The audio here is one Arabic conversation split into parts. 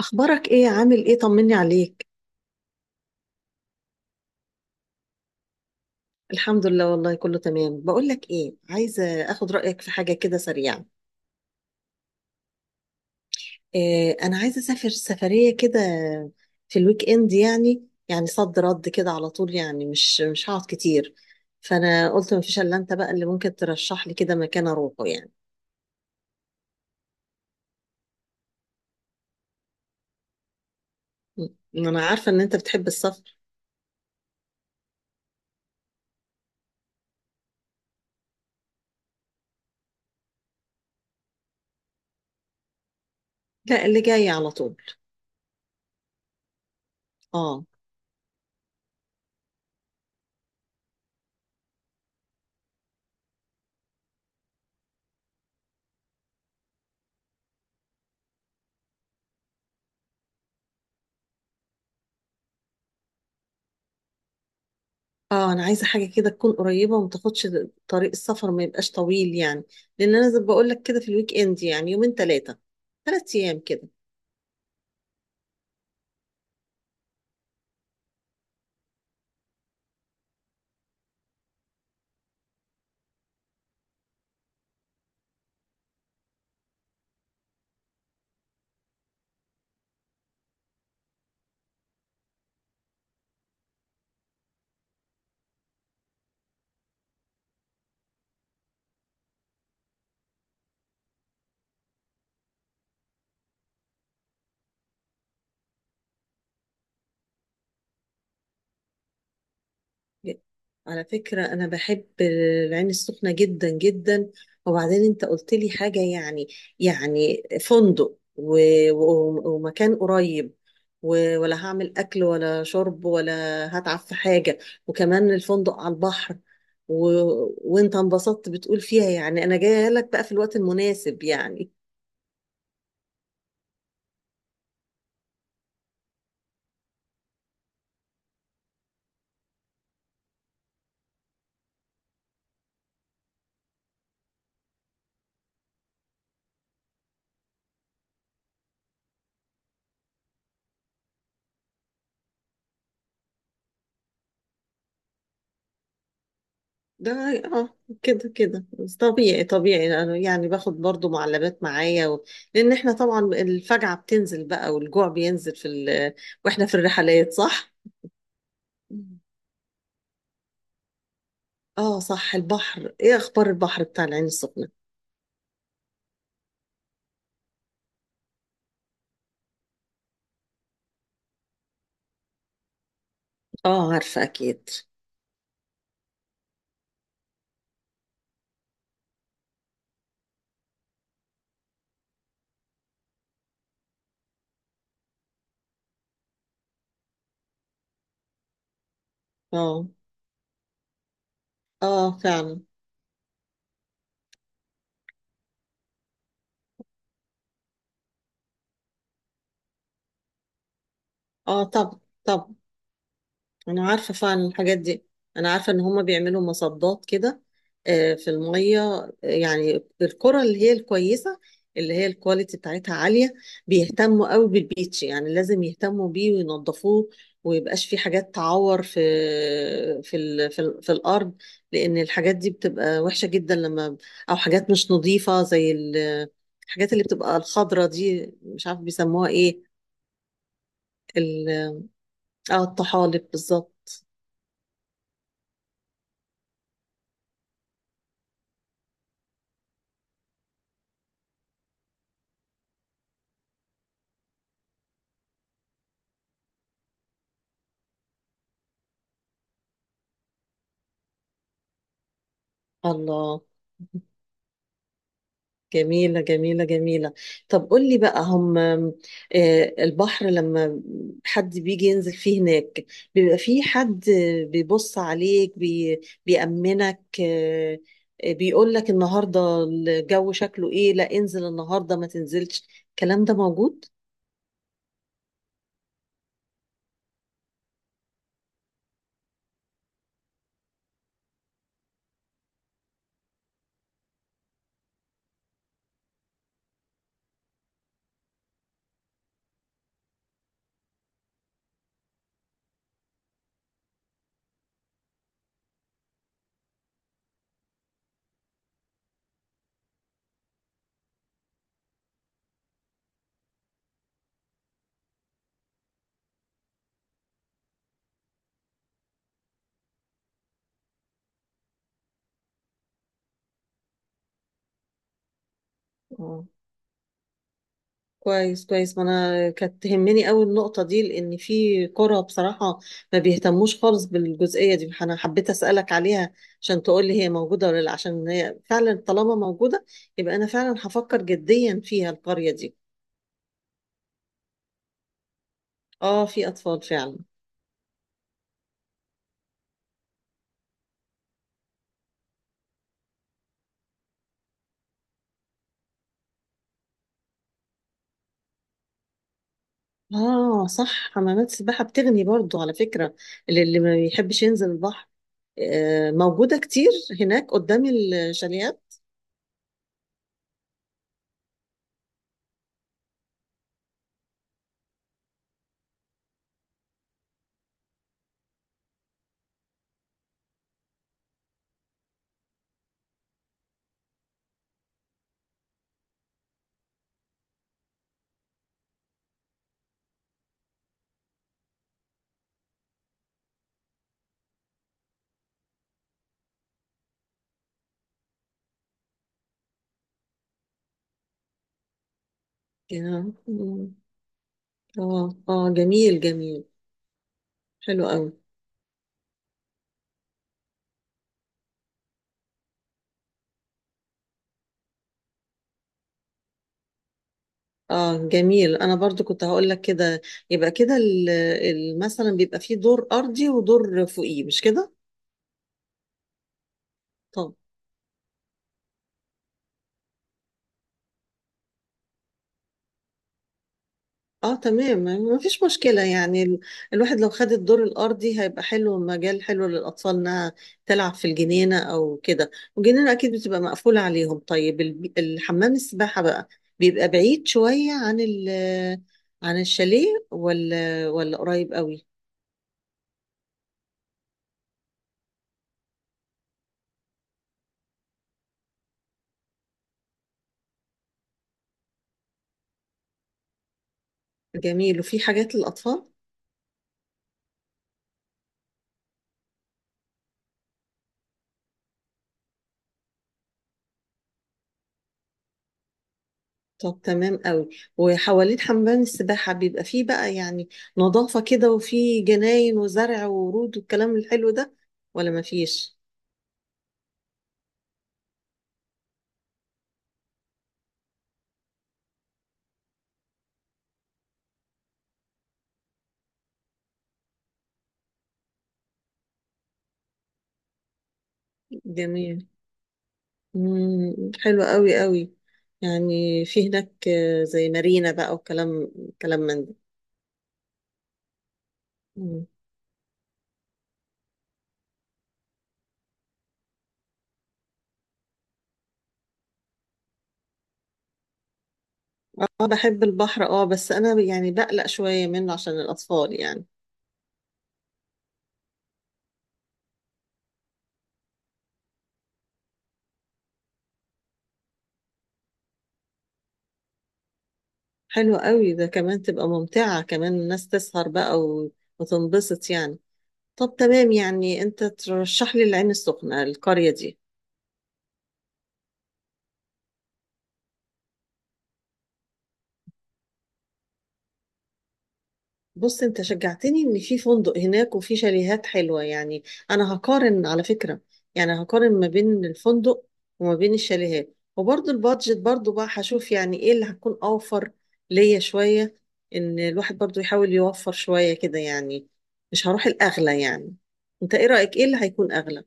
اخبارك ايه، عامل ايه؟ طمني عليك. الحمد لله، والله كله تمام. بقول لك ايه، عايزه اخد رايك في حاجه كده سريعه. إيه، انا عايزه اسافر سفريه كده في الويك اند. يعني صد رد كده على طول، يعني مش هقعد كتير. فانا قلت مفيش الا انت بقى اللي ممكن ترشح لي كده مكان اروحه يعني. انا عارفه ان انت بتحب السفر. لا، اللي جاي على طول. اه، اه، انا عايزه حاجه كده تكون قريبه، وما تاخدش طريق السفر، ما يبقاش طويل يعني. لان انا زي ما بقول لك كده في الويك اند، يعني يومين، ثلاثه، ثلاث ايام كده. على فكرة، أنا بحب العين السخنة جدا جدا. وبعدين أنت قلت لي حاجة، يعني فندق و... و... ومكان قريب، ولا هعمل أكل ولا شرب، ولا هتعب في حاجة، وكمان الفندق على البحر، و... وأنت انبسطت بتقول فيها. يعني أنا جاية لك بقى في الوقت المناسب يعني. ده، اه، كده كده، بس طبيعي طبيعي، لأنه يعني باخد برضو معلبات معايا، لان احنا طبعا الفجعة بتنزل بقى، والجوع بينزل في واحنا في الرحلات، صح. مم. اه، صح. البحر، ايه اخبار البحر بتاع العين السخنة؟ اه، عارفة اكيد. اه، اه، فعلا. اه، طب، طب، انا عارفه فعلا الحاجات دي. انا عارفه ان هما بيعملوا مصدات كده في الميه، يعني القرى اللي هي الكويسه، اللي هي الكواليتي بتاعتها عاليه، بيهتموا قوي بالبيتش. يعني لازم يهتموا بيه وينظفوه، ويبقاش في حاجات تعور في في ال في, ال في الارض، لان الحاجات دي بتبقى وحشه جدا لما او حاجات مش نظيفه زي الحاجات اللي بتبقى الخضره دي، مش عارف بيسموها ايه. ال- اه، الطحالب بالظبط. الله. جميلة جميلة جميلة. طب قول لي بقى هم، البحر، لما حد بيجي ينزل فيه هناك، بيبقى فيه حد بيبص عليك، بيأمنك، بيقول لك النهاردة الجو شكله ايه؟ لا، انزل النهاردة، ما تنزلش. الكلام ده موجود؟ كويس كويس، ما انا كانت تهمني قوي النقطه دي. لان في قرى بصراحه ما بيهتموش خالص بالجزئيه دي، فانا حبيت اسالك عليها عشان تقول لي هي موجوده ولا لا. عشان هي فعلا طالما موجوده، يبقى انا فعلا هفكر جديا فيها القريه دي. اه، في اطفال فعلا. اه، صح. حمامات السباحه بتغني برضو على فكره، للي ما بيحبش ينزل البحر. آه، موجوده كتير هناك قدام الشاليهات. اه، اه، جميل جميل، حلو قوي. اه، جميل. انا برضو كنت هقول لك كده. يبقى كده مثلا بيبقى فيه دور ارضي ودور فوقيه، مش كده؟ طب. اه، تمام، ما فيش مشكلة. يعني الواحد لو خد الدور الارضي هيبقى حلو، مجال حلو للاطفال، انها تلعب في الجنينة او كده، والجنينة اكيد بتبقى مقفولة عليهم. طيب الحمام السباحة بقى بيبقى بعيد شوية عن عن الشاليه، ولا قريب قوي؟ جميل، وفي حاجات للاطفال. طب تمام قوي. وحوالين حمام السباحة بيبقى فيه بقى، يعني نظافة كده، وفيه جناين وزرع وورود والكلام الحلو ده، ولا مفيش؟ جميل. مم. حلو قوي قوي. يعني في هناك، زي مارينا بقى، وكلام من ده. مم. اه، بحب البحر، اه بس انا يعني بقلق شوية منه عشان الأطفال يعني. حلو قوي. ده كمان تبقى ممتعة، كمان الناس تسهر بقى وتنبسط يعني. طب تمام. يعني انت ترشح لي العين السخنة، القرية دي. بص، انت شجعتني ان في فندق هناك وفي شاليهات حلوة يعني. انا هقارن على فكرة. يعني هقارن ما بين الفندق وما بين الشاليهات، وبرضو البادجت برضو بقى هشوف، يعني ايه اللي هتكون اوفر ليا شوية. ان الواحد برضو يحاول يوفر شوية كده يعني، مش هروح الاغلى يعني. انت ايه رأيك، ايه اللي هيكون اغلى؟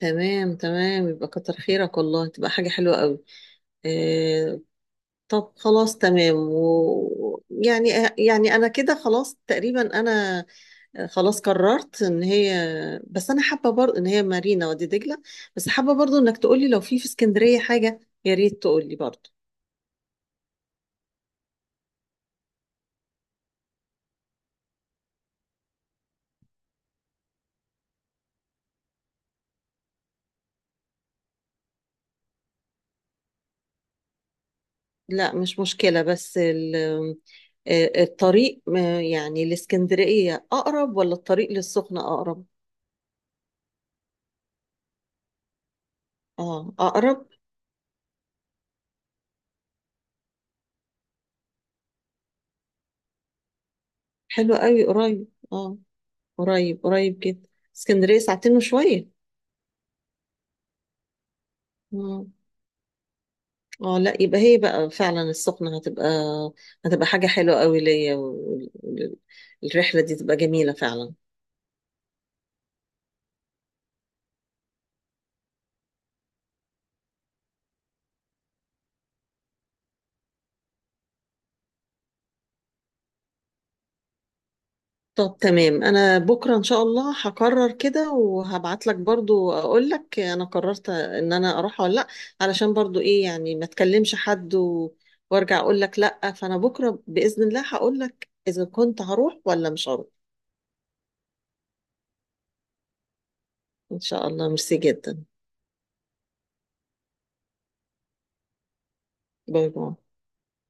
تمام تمام، يبقى كتر خيرك والله، تبقى حاجة حلوة قوي. طب خلاص، تمام. يعني، يعني انا كده خلاص تقريبا، انا خلاص قررت ان هي، بس انا حابه برضه ان هي مارينا وادي دجله. بس حابه برضه انك تقولي لو في اسكندريه حاجه، يا ريت تقولي برضه. لا، مش مشكله. بس الطريق، يعني الاسكندريه اقرب ولا الطريق للسخنه اقرب؟ اه، اقرب. حلو قوي، قريب. اه، قريب قريب جدا. اسكندريه ساعتين وشويه. آه. اه، لا. يبقى هي بقى فعلا السخنة، هتبقى حاجة حلوة قوي ليا، والرحلة دي تبقى جميلة فعلا. طب تمام. انا بكرة ان شاء الله هقرر كده وهبعت لك برضو، اقول لك انا قررت ان انا اروح ولا لا، علشان برضو ايه يعني، ما تكلمش حد وارجع اقول لك لا. فانا بكرة بإذن الله هقول لك اذا كنت هروح ولا مش هروح. ان شاء الله. ميرسي جدا. باي باي.